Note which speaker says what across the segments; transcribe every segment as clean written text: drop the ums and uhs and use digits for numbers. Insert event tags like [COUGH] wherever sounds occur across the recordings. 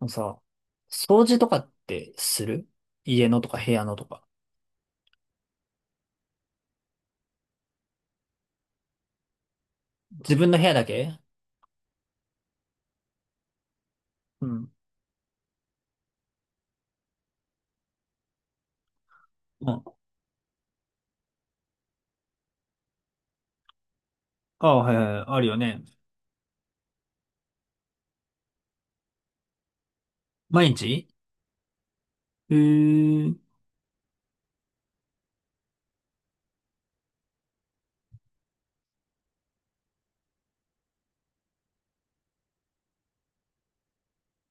Speaker 1: あのさ、掃除とかってする？家のとか部屋のとか。自分の部屋だけ。うん。うん。ああ、はいはいはい、あるよね。毎日。うーい。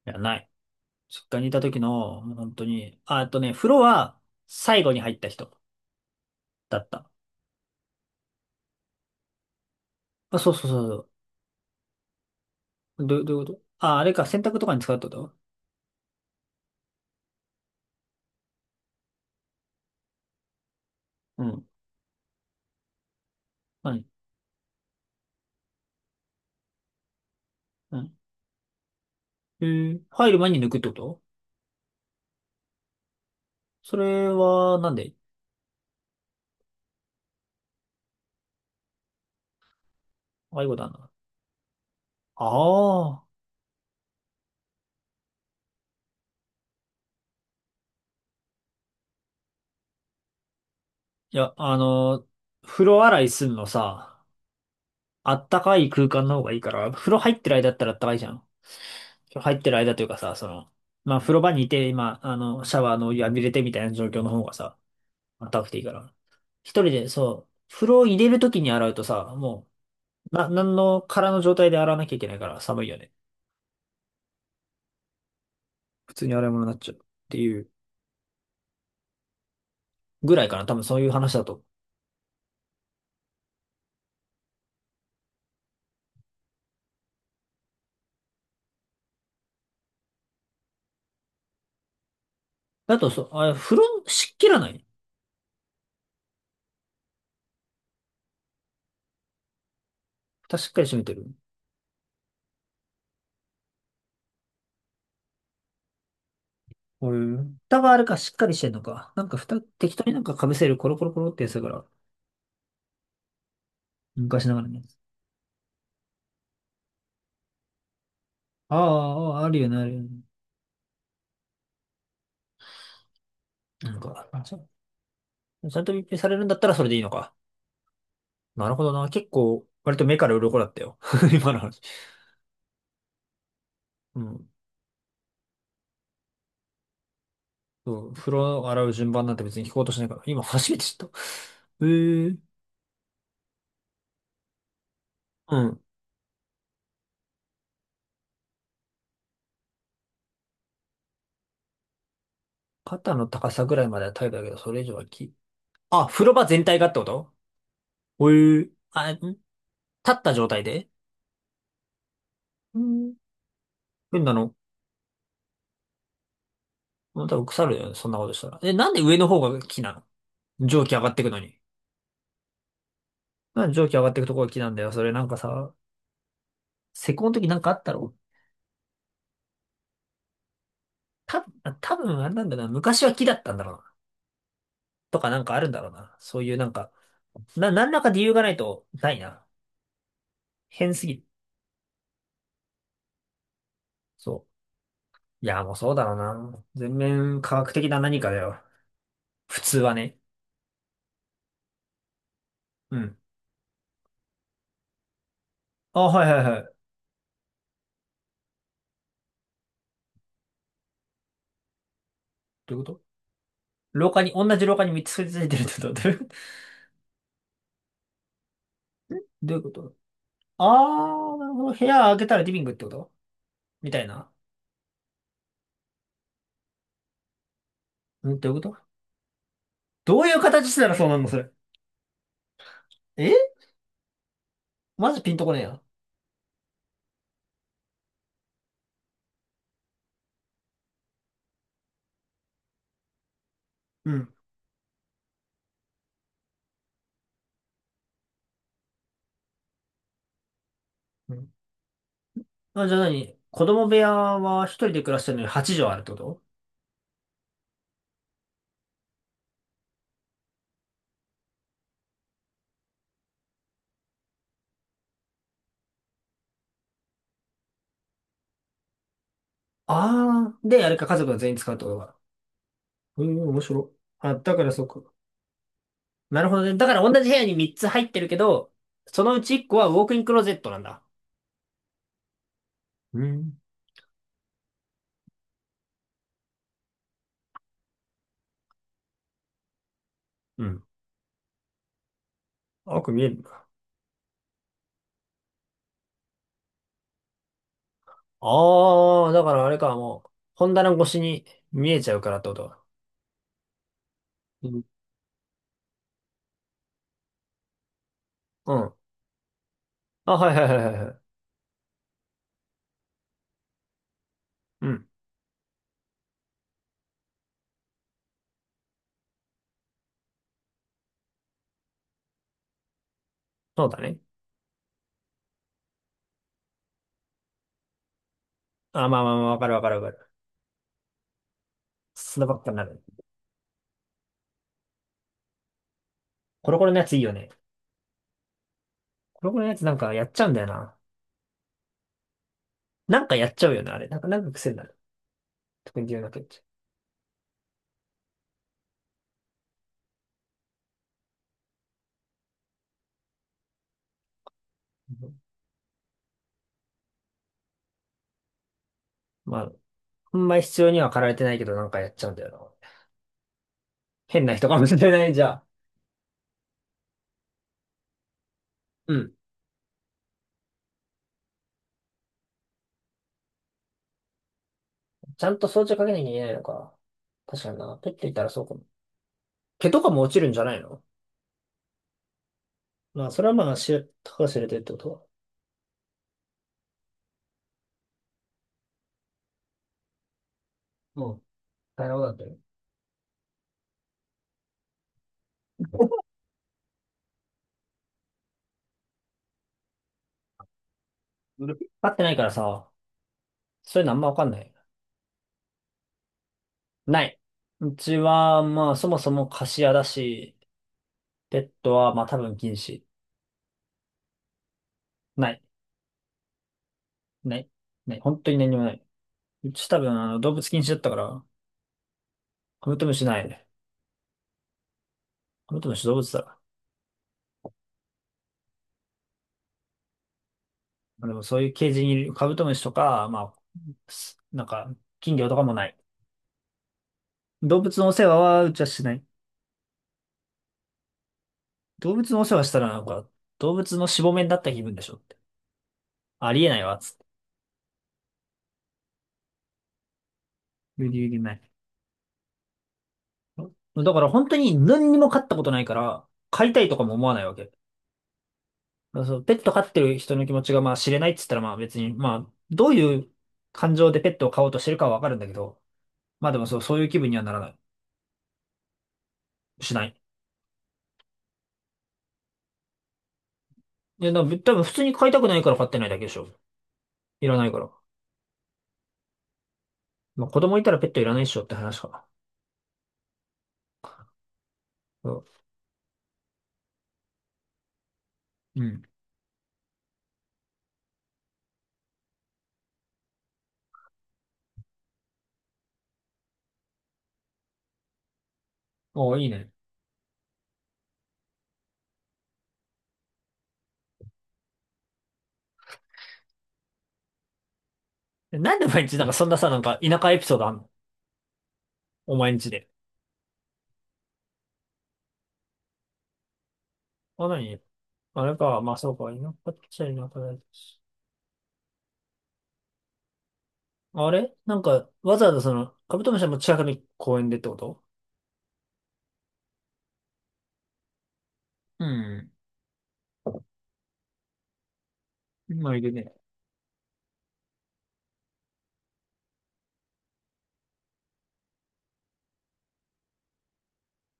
Speaker 1: や、ない。実家にいた時の、もう本当に。あ、あとね、風呂は最後に入った人だった。あ、そうそうそうそう。どういうこと？あ、あれか、洗濯とかに使うってこと？うん。何？うん。えー、入る前に抜くってこと？それは、なんで？ああいうことなんの？ああー。いや、風呂洗いすんのさ、あったかい空間の方がいいから、風呂入ってる間だったらあったかいじゃん。風呂入ってる間というかさ、まあ風呂場にいて、今、シャワーのお湯浴びれてみたいな状況の方がさ、まあったかくていいから。一人で、そう、風呂を入れる時に洗うとさ、もう、なんの空の状態で洗わなきゃいけないから寒いよね。普通に洗い物になっちゃうっていうぐらいかな。多分そういう話だと。だと、そう、あ、風呂湿気らない？蓋しっかり閉めてる？うん。蓋があるかしっかりしてんのか。なんか蓋適当になんか被せるコロコロコロってやつだから、昔ながらのやつ。ああ、あああるよね、あるよね。なんか、ちゃんと密閉されるんだったらそれでいいのか。なるほどな。結構、割と目から鱗だったよ。[LAUGHS] 今の話。うん。そう、風呂洗う順番なんて別に聞こうとしないから、今初めて知った。ええ。うん。肩の高さぐらいまでは耐えたけど、それ以上はき。あ、風呂場全体がってこと？おえーあ、ん立った状態で？うん。変なの。まあ多分腐るよね、そんなことしたら。え、なんで上の方が木なの？蒸気上がってくのに。なんで蒸気上がっていくとこが木なんだよ。それなんかさ、施工の時なんかあったろ？た、多分あれなんだな。昔は木だったんだろうな。とかなんかあるんだろうな。そういうなんか、何らか理由がないと、ないな。変すぎる。そう。いや、もうそうだろうな。全面科学的な何かだよ。普通はね。うん。あ、はいはいはい。どういうこと？廊下に、同じ廊下に3つくっついてるってこと？どういう？どういうこと？あー、なるほど。部屋開けたらリビングってこと？みたいな。うん、どういうこと？どういう形したらそうなんの？それ。え、まずピンとこねえや。うん。うん。あ、じゃあ何？子供部屋は一人で暮らしてるのに8畳あるってこと？ああー、で、あれか、家族が全員使うってことか。うん、面白い。あ、だからそうか。なるほどね。だから同じ部屋に3つ入ってるけど、そのうち1個はウォークインクローゼットなんだ。うん。うん。よく見えるな。ああ、だからあれか、もう、本棚越しに見えちゃうからってことか。うん。うん。あ、はいはいはいはいはい。うん。そうだね。あ、まあまあまあ、わかるわかるわかる。砂ばっかになる。コロコロのやついいよね。黒子のやつなんかやっちゃうんだよな。なんかやっちゃうよね、あれ。なんか癖になる。特に留学っちゃう。まあ、ほんまに必要には駆られてないけど、なんかやっちゃうんだよな。変な人かもしれない、じゃあ。うん。ちゃんと装置をかけなきゃいけないのか。確かにな。ペッていたらそうかも。毛とかも落ちるんじゃないの？まあ、それはまあ、たかが知れてるってことは。もうん。大変なことなんだよ。[LAUGHS] 飼ってないからさ、そういうのあんまわかんない。ない。うちは、まあ、そもそも貸し屋だし、ペットは、まあ、多分禁止。ない。ない。ない。本当に何にもない。うち多分、動物禁止だったから、カブトムシない。カブトムシ動物だ。まあでもそういうケージにいるカブトムシとか、まあ、なんか、金魚とかもない。動物のお世話はうちはしない。動物のお世話したらなんか、動物のしぼめになった気分でしょって。ありえないわ、つって。無理無理ない。だから本当に何にも飼ったことないから、飼いたいとかも思わないわけ。だからそう、ペット飼ってる人の気持ちがまあ知れないっつったらまあ別に、まあ、どういう感情でペットを飼おうとしてるかはわかるんだけど、まあでもそう、そういう気分にはならない。しない。いや、でも多分普通に飼いたくないから飼ってないだけでしょ。いらないから。まあ子供いたらペットいらないでしょって話かな。そう。うん。おーいいね。なんで毎日なんかそんなさ、なんか田舎エピソードあんの？お前んちで。あ、なに？あれか、まあそうか、田舎っちゃ田舎だし。あれなんか、わざわざカブトムシはもう近くの公園でってこと？うん。まあいるね。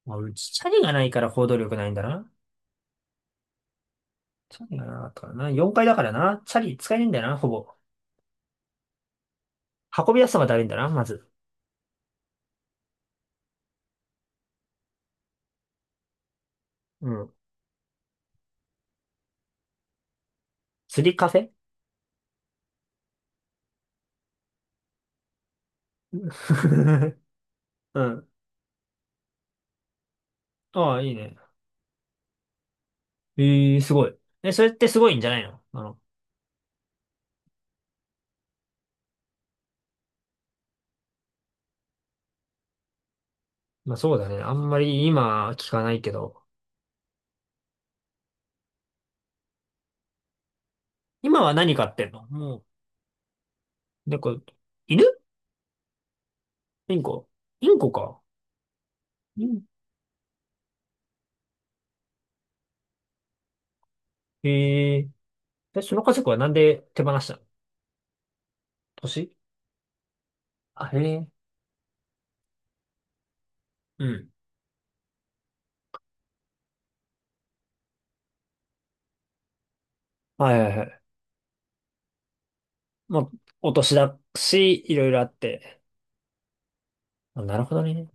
Speaker 1: まあ、うちチャリがないから行動力ないんだな。チャリがなかったからな。4階だからな。チャリ使えねえんだよな、ほぼ。運びやすさがだるいんだな、まず。うん。釣りカフェ？ [LAUGHS] うん。ああ、いいね。ええすごい。え、それってすごいんじゃないの？まあそうだね。あんまり今聞かないけど。今は何飼ってんの？もう、猫、犬？インコ？インコか。イン、ええ？で、その家族はなんで手放したの？年？あ、へえ。うん。はいはいはい。まあ、お年だし、いろいろあって。あ、なるほどね。